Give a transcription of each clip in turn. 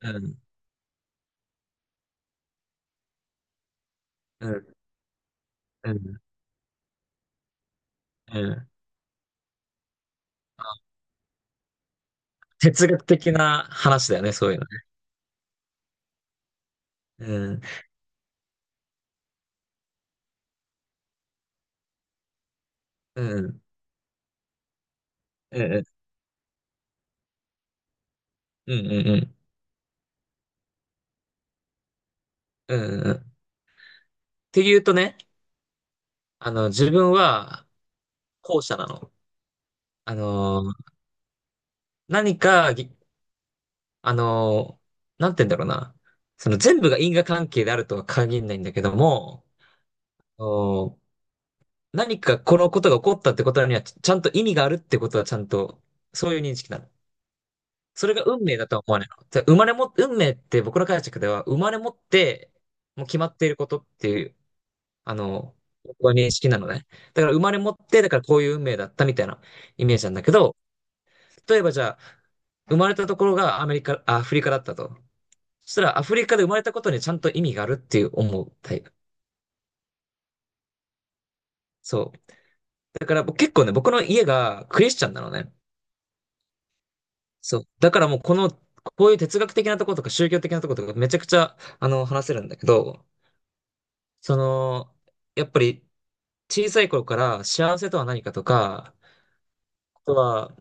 うん、うん、うん、うん。あ、哲学的な話だよね、そういうのね。うん、うん、うん、うん、うん、うん。うんうんっていうとね、自分は後者なの。あの、何かぎ、あの、なんて言うんだろうな。その全部が因果関係であるとは限らないんだけども、お何かこのことが起こったってことにはちゃんと意味があるってことはちゃんと、そういう認識なの。それが運命だとは思わないの。じゃあ生まれも、運命って僕の解釈では、生まれ持って、もう決まっていることっていう、あの、僕は認識なのね。だから生まれ持って、だからこういう運命だったみたいなイメージなんだけど、例えばじゃあ、生まれたところがアフリカだったと。そしたらアフリカで生まれたことにちゃんと意味があるっていう思うタイプ。そう。だから僕結構ね、僕の家がクリスチャンなのね。そう。だからもうこの、こういう哲学的なところとか宗教的なところとかめちゃくちゃ、話せるんだけど、その、やっぱり小さい頃から幸せとは何かとか、あとは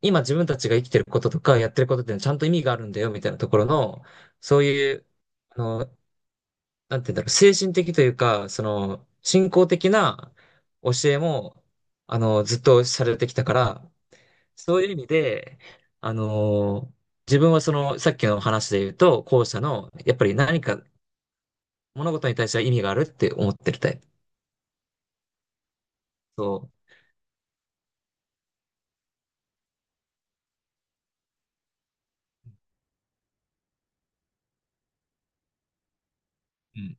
今自分たちが生きてることとかやってることっていうのはちゃんと意味があるんだよみたいなところの、そういう、あの、なんて言うんだろう、精神的というか、信仰的な教えも、ずっとされてきたから、そういう意味で、あの、自分はさっきの話で言うと、後者の、やっぱり何か物事に対しては意味があるって思ってるタイプ。そう。うん。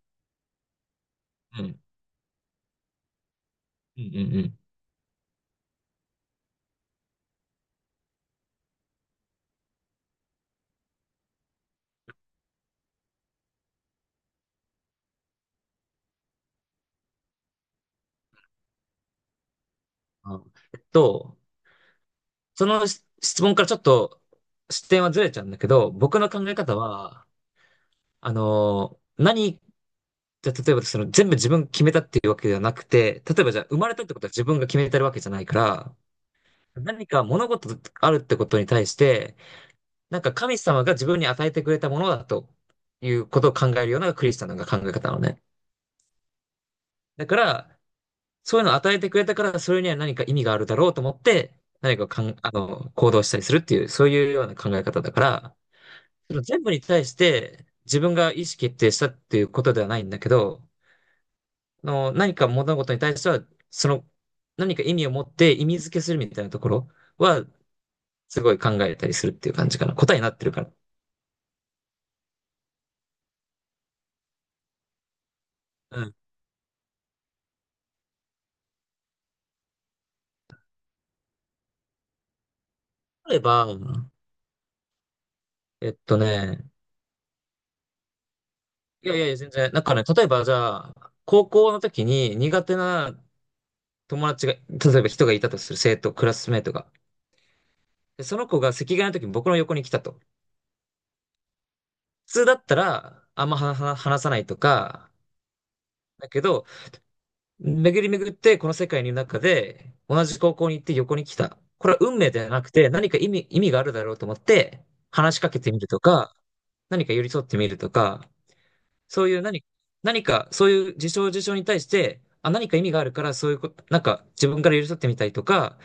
うんうんうんうん。あえっと、その質問からちょっと視点はずれちゃうんだけど、僕の考え方は、あの、何、じゃあ例えばその全部自分決めたっていうわけではなくて、例えばじゃあ生まれたってことは自分が決めてるわけじゃないから、何か物事あるってことに対して、なんか神様が自分に与えてくれたものだということを考えるようなクリスチャンの考え方なのね。だから、そういうのを与えてくれたから、それには何か意味があるだろうと思って、何か行動したりするっていう、そういうような考え方だから、その全部に対して自分が意思決定したっていうことではないんだけど、何か物事に対しては、その、何か意味を持って意味付けするみたいなところは、すごい考えたりするっていう感じかな。答えになってるから。うん。例えば、えっとね、いやいやいや、全然、なんかね、例えばじゃあ、高校の時に苦手な友達が、例えば人がいたとする生徒、クラスメートが。で、その子が席替えの時に僕の横に来たと。普通だったら、あんまは話さないとか、だけど、巡り巡ってこの世界の中で、同じ高校に行って横に来た。これは運命ではなくて、何か意味があるだろうと思って、話しかけてみるとか、何か寄り添ってみるとか、そういう何か、そういう事象事象に対して、あ、何か意味があるから、そういうこと、なんか自分から寄り添ってみたりとか、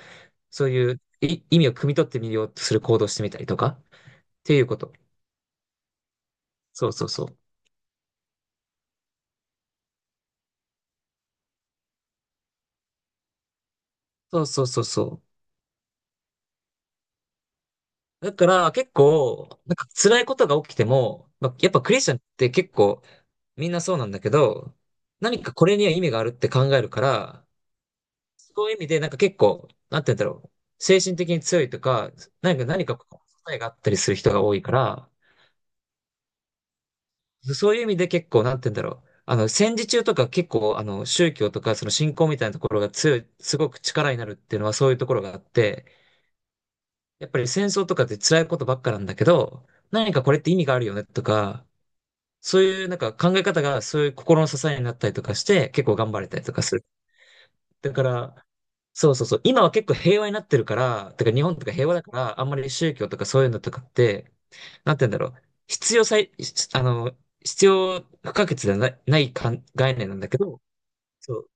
そういう意味を汲み取ってみようとする行動をしてみたりとか、っていうこと。そうそうそう。そうそうそうそう。だから結構、なんか辛いことが起きても、まあ、やっぱクリスチャンって結構みんなそうなんだけど、何かこれには意味があるって考えるから、そういう意味でなんか結構、なんて言うんだろう。精神的に強いとか、何かこう答えがあったりする人が多いから、そういう意味で結構、なんて言うんだろう。戦時中とか結構、宗教とか、その信仰みたいなところが強い、すごく力になるっていうのはそういうところがあって、やっぱり戦争とかって辛いことばっかなんだけど、何かこれって意味があるよねとか、そういうなんか考え方がそういう心の支えになったりとかして、結構頑張れたりとかする。だから、そうそうそう、今は結構平和になってるから、だから日本とか平和だから、あんまり宗教とかそういうのとかって、なんて言うんだろう、必要最、あの、必要不可欠ではないないかん概念なんだけど、そう、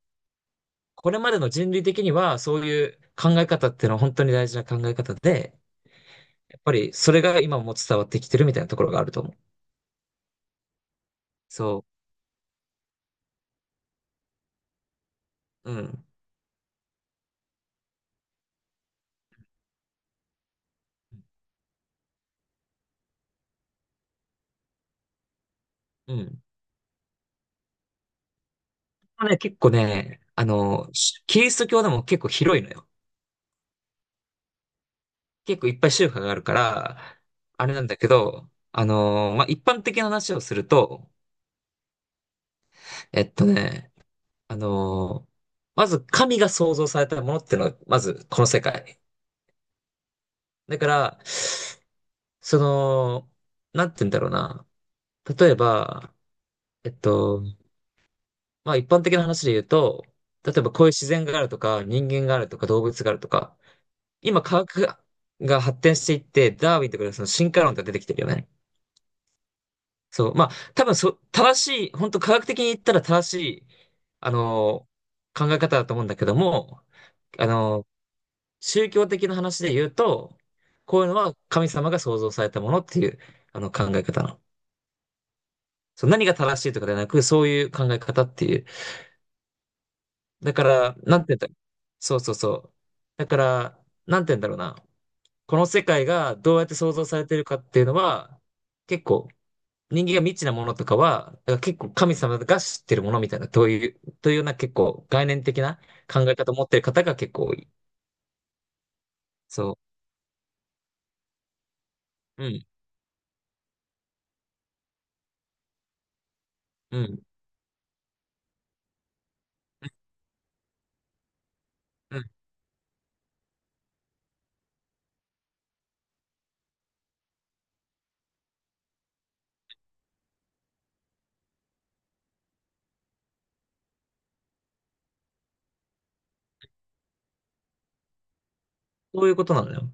これまでの人類的にはそういう考え方っていうのは本当に大事な考え方で、やっぱりそれが今も伝わってきてるみたいなところがあると思う。そう、うん。うん。ね、結構ね、キリスト教でも結構広いのよ。結構いっぱい宗派があるから、あれなんだけど、まあ、一般的な話をすると、えっとね、あのーまず神が創造されたものっていうのはまずこの世界。だから、その、なんて言うんだろうな。例えば、えっと、まあ、一般的な話で言うと、例えばこういう自然があるとか、人間があるとか、動物があるとか、今科学が発展していって、ダーウィンとかでその進化論が出てきてるよね。そう。まあ、多分正しい、本当科学的に言ったら正しい、あのー考え方だと思うんだけども、あのー宗教的な話で言うと、こういうのは神様が創造されたものっていう、あの考え方なの。そう、何が正しいとかではなく、そういう考え方っていう。だから、なんて言ったそうそうそう。だから、なんて言うんだろうな。この世界がどうやって創造されてるかっていうのは、結構人間が未知なものとかは、だから結構神様が知ってるものみたいな、というような結構概念的な考え方を持ってる方が結構多い。そう。うん、うん、うん。そういうことなのよ。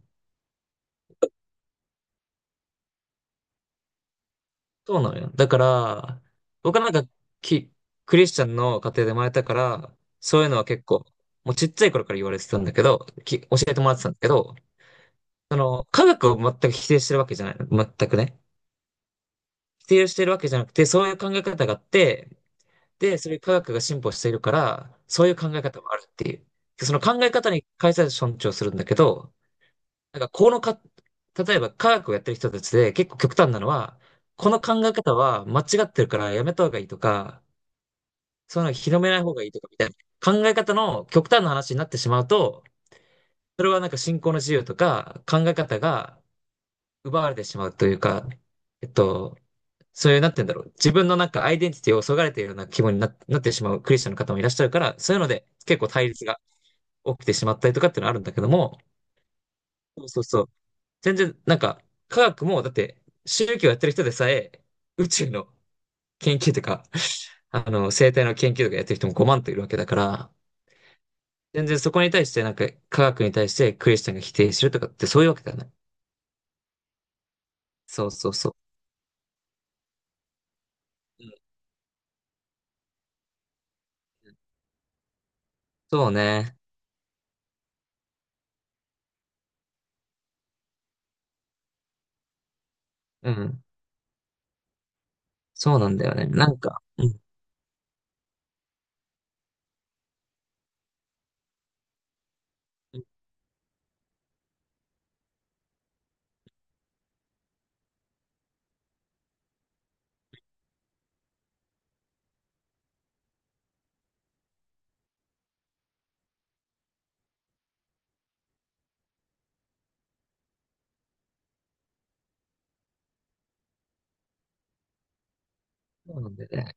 そうなのよ。だから、僕はなんかキ、クリスチャンの家庭で生まれたから、そういうのは結構、もうちっちゃい頃から言われてたんだけど、教えてもらってたんだけど、科学を全く否定してるわけじゃない。全くね。否定してるわけじゃなくて、そういう考え方があって、で、それ科学が進歩しているから、そういう考え方もあるっていう。その考え方に関して尊重するんだけど、なんかこのか、例えば科学をやってる人たちで結構極端なのは、この考え方は間違ってるからやめた方がいいとか、そういうの広めない方がいいとかみたいな考え方の極端な話になってしまうと、それはなんか信仰の自由とか考え方が奪われてしまうというか、えっと、そういう、なんて言うんだろう。自分のなんかアイデンティティをそがれているような気分になってしまうクリスチャンの方もいらっしゃるから、そういうので結構対立が起きてしまったりとかっていうのはあるんだけども、そうそうそう。全然なんか科学もだって宗教やってる人でさえ宇宙の研究とか、生態の研究とかやってる人も5万といるわけだから、全然そこに対してなんか科学に対してクリスチャンが否定するとかってそういうわけではない。そうそうそう。うんうんそうね。うん。そうなんだよね。なんか、うん。うんそうなんだよね。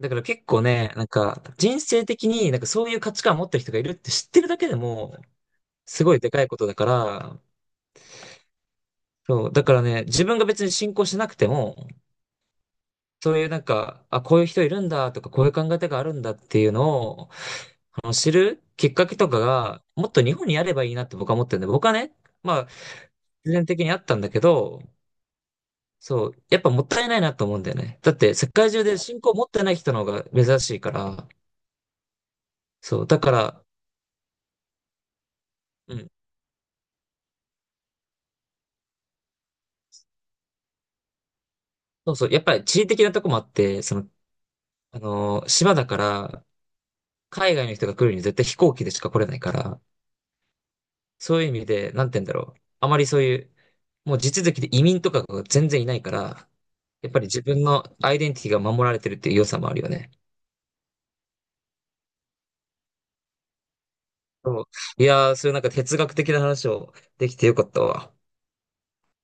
だから結構ね、なんか人生的になんかそういう価値観を持ってる人がいるって知ってるだけでもすごいでかいことだから、そう、だからね、自分が別に信仰しなくても、そういうなんか、あ、こういう人いるんだとか、こういう考え方があるんだっていうのを、知るきっかけとかが、もっと日本にあればいいなって僕は思ってるんで、僕はね、まあ、自然的にあったんだけど、そう、やっぱもったいないなと思うんだよね。だって世界中で信仰を持ってない人の方が珍しいから、そう、だから、うんそうそう。やっぱり地理的なとこもあって、島だから、海外の人が来るには絶対飛行機でしか来れないから、そういう意味で、なんて言うんだろう。あまりそういう、もう地続きで移民とかが全然いないから、やっぱり自分のアイデンティティが守られてるっていう良さもあるよね。そう。いやー、そういうなんか哲学的な話をできてよかったわ。